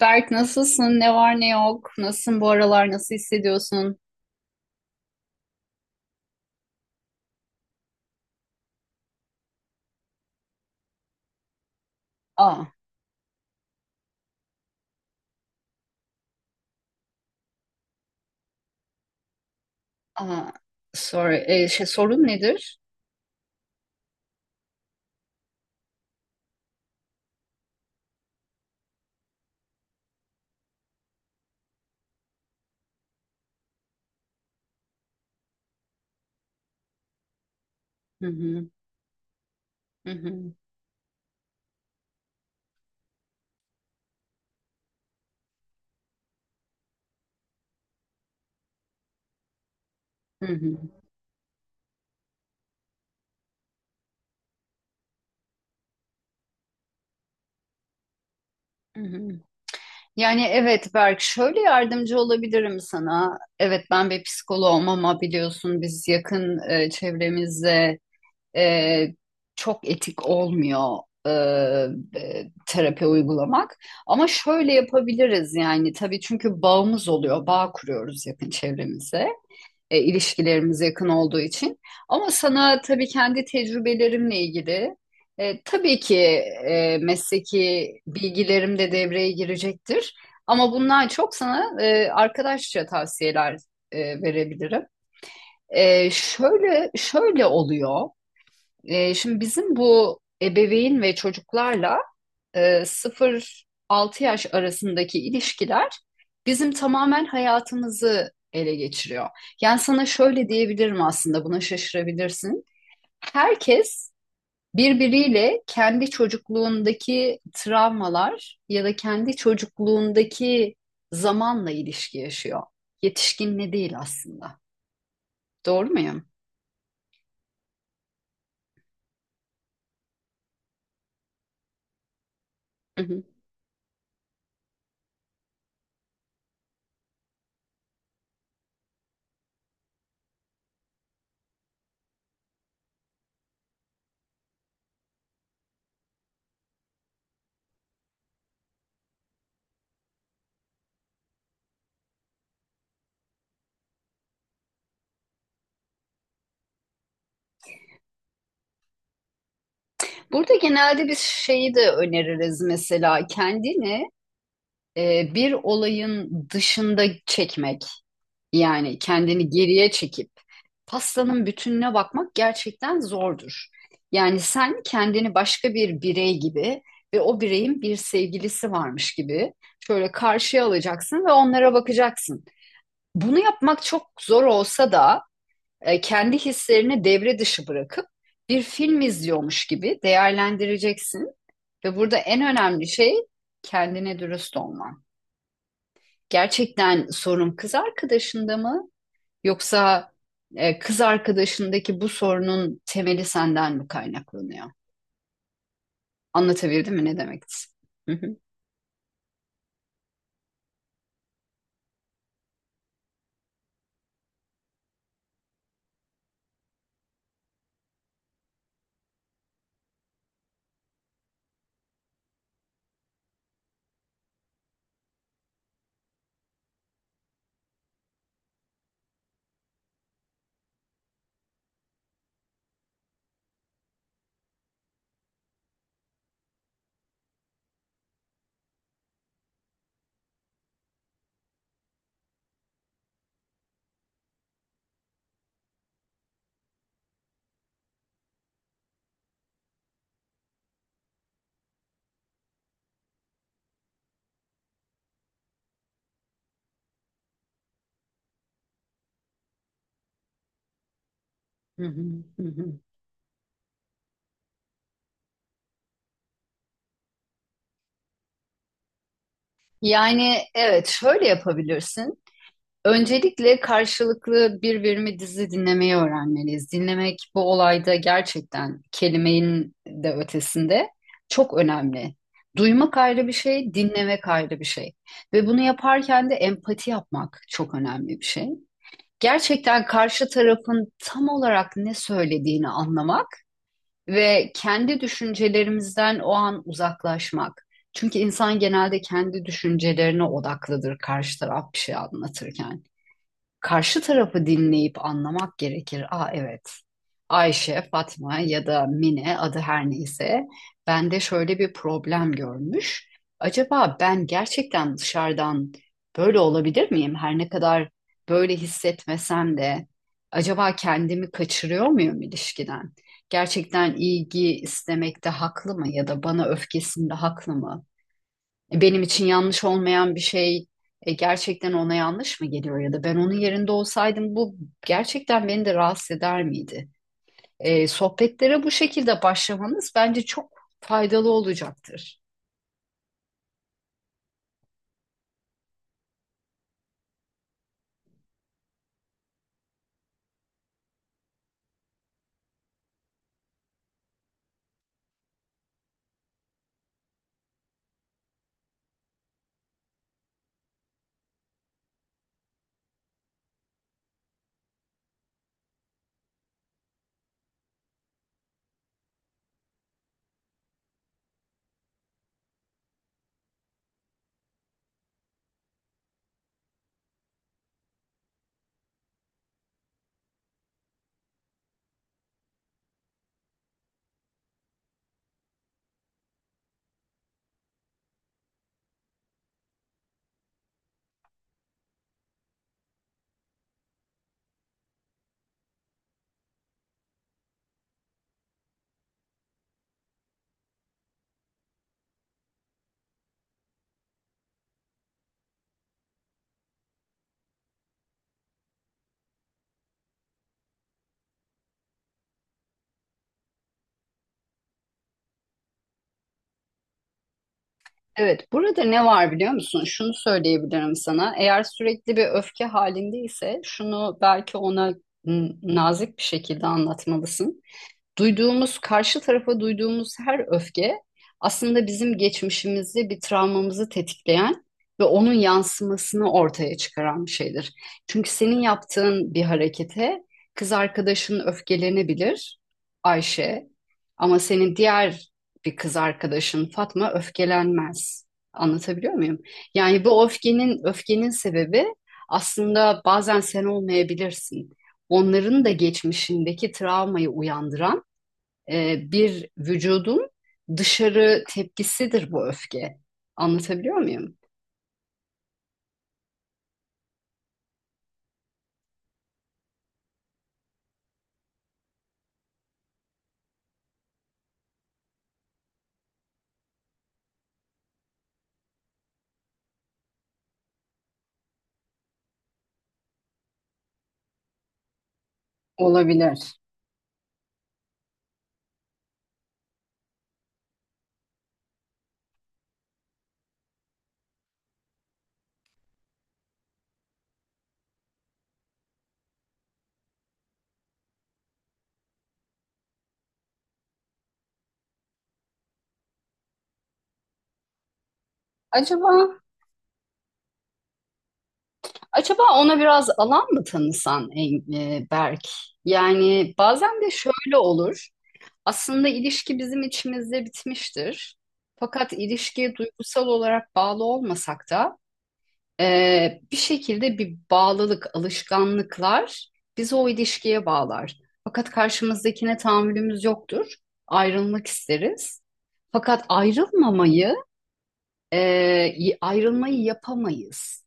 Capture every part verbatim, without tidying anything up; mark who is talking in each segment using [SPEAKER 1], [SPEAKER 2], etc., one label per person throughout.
[SPEAKER 1] Berk, nasılsın? Ne var ne yok? Nasılsın bu aralar? Nasıl hissediyorsun? Aa, aa, sorry. Ee, şey, sorun nedir? Hı hı, hı hı, hı hı, hı hı. Yani evet Berk, şöyle yardımcı olabilirim sana. Evet, ben bir psikoloğum ama biliyorsun biz yakın e, çevremizde e, çok etik olmuyor e, e, terapi uygulamak. Ama şöyle yapabiliriz, yani tabii, çünkü bağımız oluyor, bağ kuruyoruz yakın çevremize. e, ilişkilerimiz yakın olduğu için. Ama sana tabii kendi tecrübelerimle ilgili, e, tabii ki e, mesleki bilgilerim de devreye girecektir. Ama bundan çok sana e, arkadaşça tavsiyeler e, verebilirim. E, şöyle şöyle oluyor. E, şimdi bizim bu ebeveyn ve çocuklarla e, sıfır altı yaş arasındaki ilişkiler bizim tamamen hayatımızı ele geçiriyor. Yani sana şöyle diyebilirim, aslında buna şaşırabilirsin. Herkes birbiriyle kendi çocukluğundaki travmalar ya da kendi çocukluğundaki zamanla ilişki yaşıyor. Yetişkinle değil aslında. Doğru muyum? Hı hı. Burada genelde biz şeyi de öneririz, mesela kendini e, bir olayın dışında çekmek. Yani kendini geriye çekip pastanın bütününe bakmak gerçekten zordur. Yani sen kendini başka bir birey gibi ve o bireyin bir sevgilisi varmış gibi şöyle karşıya alacaksın ve onlara bakacaksın. Bunu yapmak çok zor olsa da e, kendi hislerini devre dışı bırakıp bir film izliyormuş gibi değerlendireceksin ve burada en önemli şey kendine dürüst olman. Gerçekten sorun kız arkadaşında mı? Yoksa e, kız arkadaşındaki bu sorunun temeli senden mi kaynaklanıyor? Anlatabildim mi ne demek istediğimi? Hı hı, hı hı, hı hı. Yani evet, şöyle yapabilirsin. Öncelikle karşılıklı birbirimi dizi dinlemeyi öğrenmeliyiz. Dinlemek bu olayda gerçekten kelimenin de ötesinde çok önemli. Duymak ayrı bir şey, dinlemek ayrı bir şey. Ve bunu yaparken de empati yapmak çok önemli bir şey. Gerçekten karşı tarafın tam olarak ne söylediğini anlamak ve kendi düşüncelerimizden o an uzaklaşmak. Çünkü insan genelde kendi düşüncelerine odaklıdır, karşı taraf bir şey anlatırken karşı tarafı dinleyip anlamak gerekir. Aa, evet. Ayşe, Fatma ya da Mine, adı her neyse, bende şöyle bir problem görmüş. Acaba ben gerçekten dışarıdan böyle olabilir miyim? Her ne kadar böyle hissetmesem de acaba kendimi kaçırıyor muyum ilişkiden? Gerçekten ilgi istemekte haklı mı ya da bana öfkesinde haklı mı? Benim için yanlış olmayan bir şey e, gerçekten ona yanlış mı geliyor ya da ben onun yerinde olsaydım bu gerçekten beni de rahatsız eder miydi? E, sohbetlere bu şekilde başlamanız bence çok faydalı olacaktır. Evet, burada ne var biliyor musun? Şunu söyleyebilirim sana. Eğer sürekli bir öfke halindeyse şunu belki ona m, nazik bir şekilde anlatmalısın. Duyduğumuz, karşı tarafa duyduğumuz her öfke aslında bizim geçmişimizi, bir travmamızı tetikleyen ve onun yansımasını ortaya çıkaran bir şeydir. Çünkü senin yaptığın bir harekete kız arkadaşın öfkelenebilir, Ayşe, ama senin diğer bir kız arkadaşın Fatma öfkelenmez. Anlatabiliyor muyum? Yani bu öfkenin öfkenin sebebi aslında bazen sen olmayabilirsin. Onların da geçmişindeki travmayı uyandıran e, bir vücudun dışarı tepkisidir bu öfke. Anlatabiliyor muyum? Olabilir. Acaba acaba ona biraz alan mı tanısan, e, e, Berk? Yani bazen de şöyle olur. Aslında ilişki bizim içimizde bitmiştir. Fakat ilişkiye duygusal olarak bağlı olmasak da Ee, bir şekilde bir bağlılık, alışkanlıklar bizi o ilişkiye bağlar. Fakat karşımızdakine tahammülümüz yoktur. Ayrılmak isteriz. Fakat ayrılmamayı, e, y- ayrılmayı yapamayız.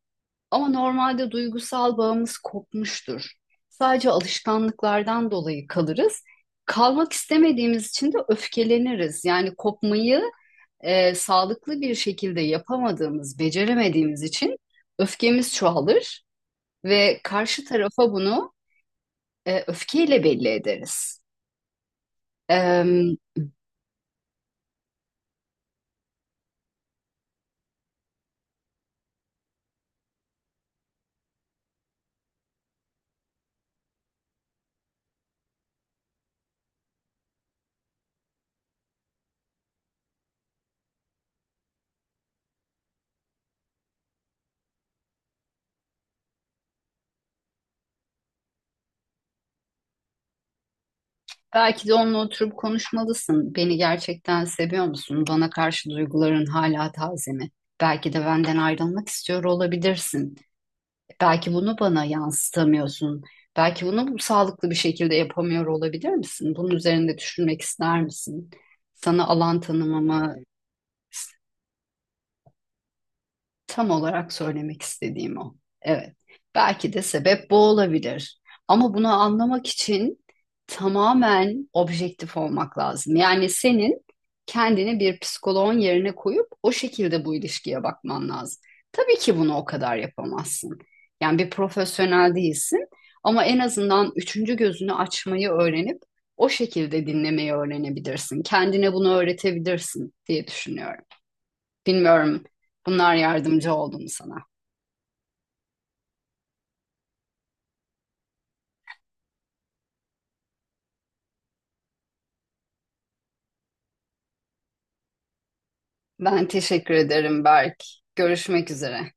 [SPEAKER 1] Ama normalde duygusal bağımız kopmuştur. Sadece alışkanlıklardan dolayı kalırız. Kalmak istemediğimiz için de öfkeleniriz. Yani kopmayı e, sağlıklı bir şekilde yapamadığımız, beceremediğimiz için öfkemiz çoğalır ve karşı tarafa bunu e, öfkeyle belli ederiz. E, Belki de onunla oturup konuşmalısın. Beni gerçekten seviyor musun? Bana karşı duyguların hala taze mi? Belki de benden ayrılmak istiyor olabilirsin. Belki bunu bana yansıtamıyorsun. Belki bunu bu sağlıklı bir şekilde yapamıyor olabilir misin? Bunun üzerinde düşünmek ister misin? Sana alan tanımamı… Tam olarak söylemek istediğim o. Evet. Belki de sebep bu olabilir. Ama bunu anlamak için tamamen objektif olmak lazım. Yani senin kendini bir psikoloğun yerine koyup o şekilde bu ilişkiye bakman lazım. Tabii ki bunu o kadar yapamazsın. Yani bir profesyonel değilsin ama en azından üçüncü gözünü açmayı öğrenip o şekilde dinlemeyi öğrenebilirsin. Kendine bunu öğretebilirsin diye düşünüyorum. Bilmiyorum, bunlar yardımcı oldu mu sana? Ben teşekkür ederim Berk. Görüşmek üzere.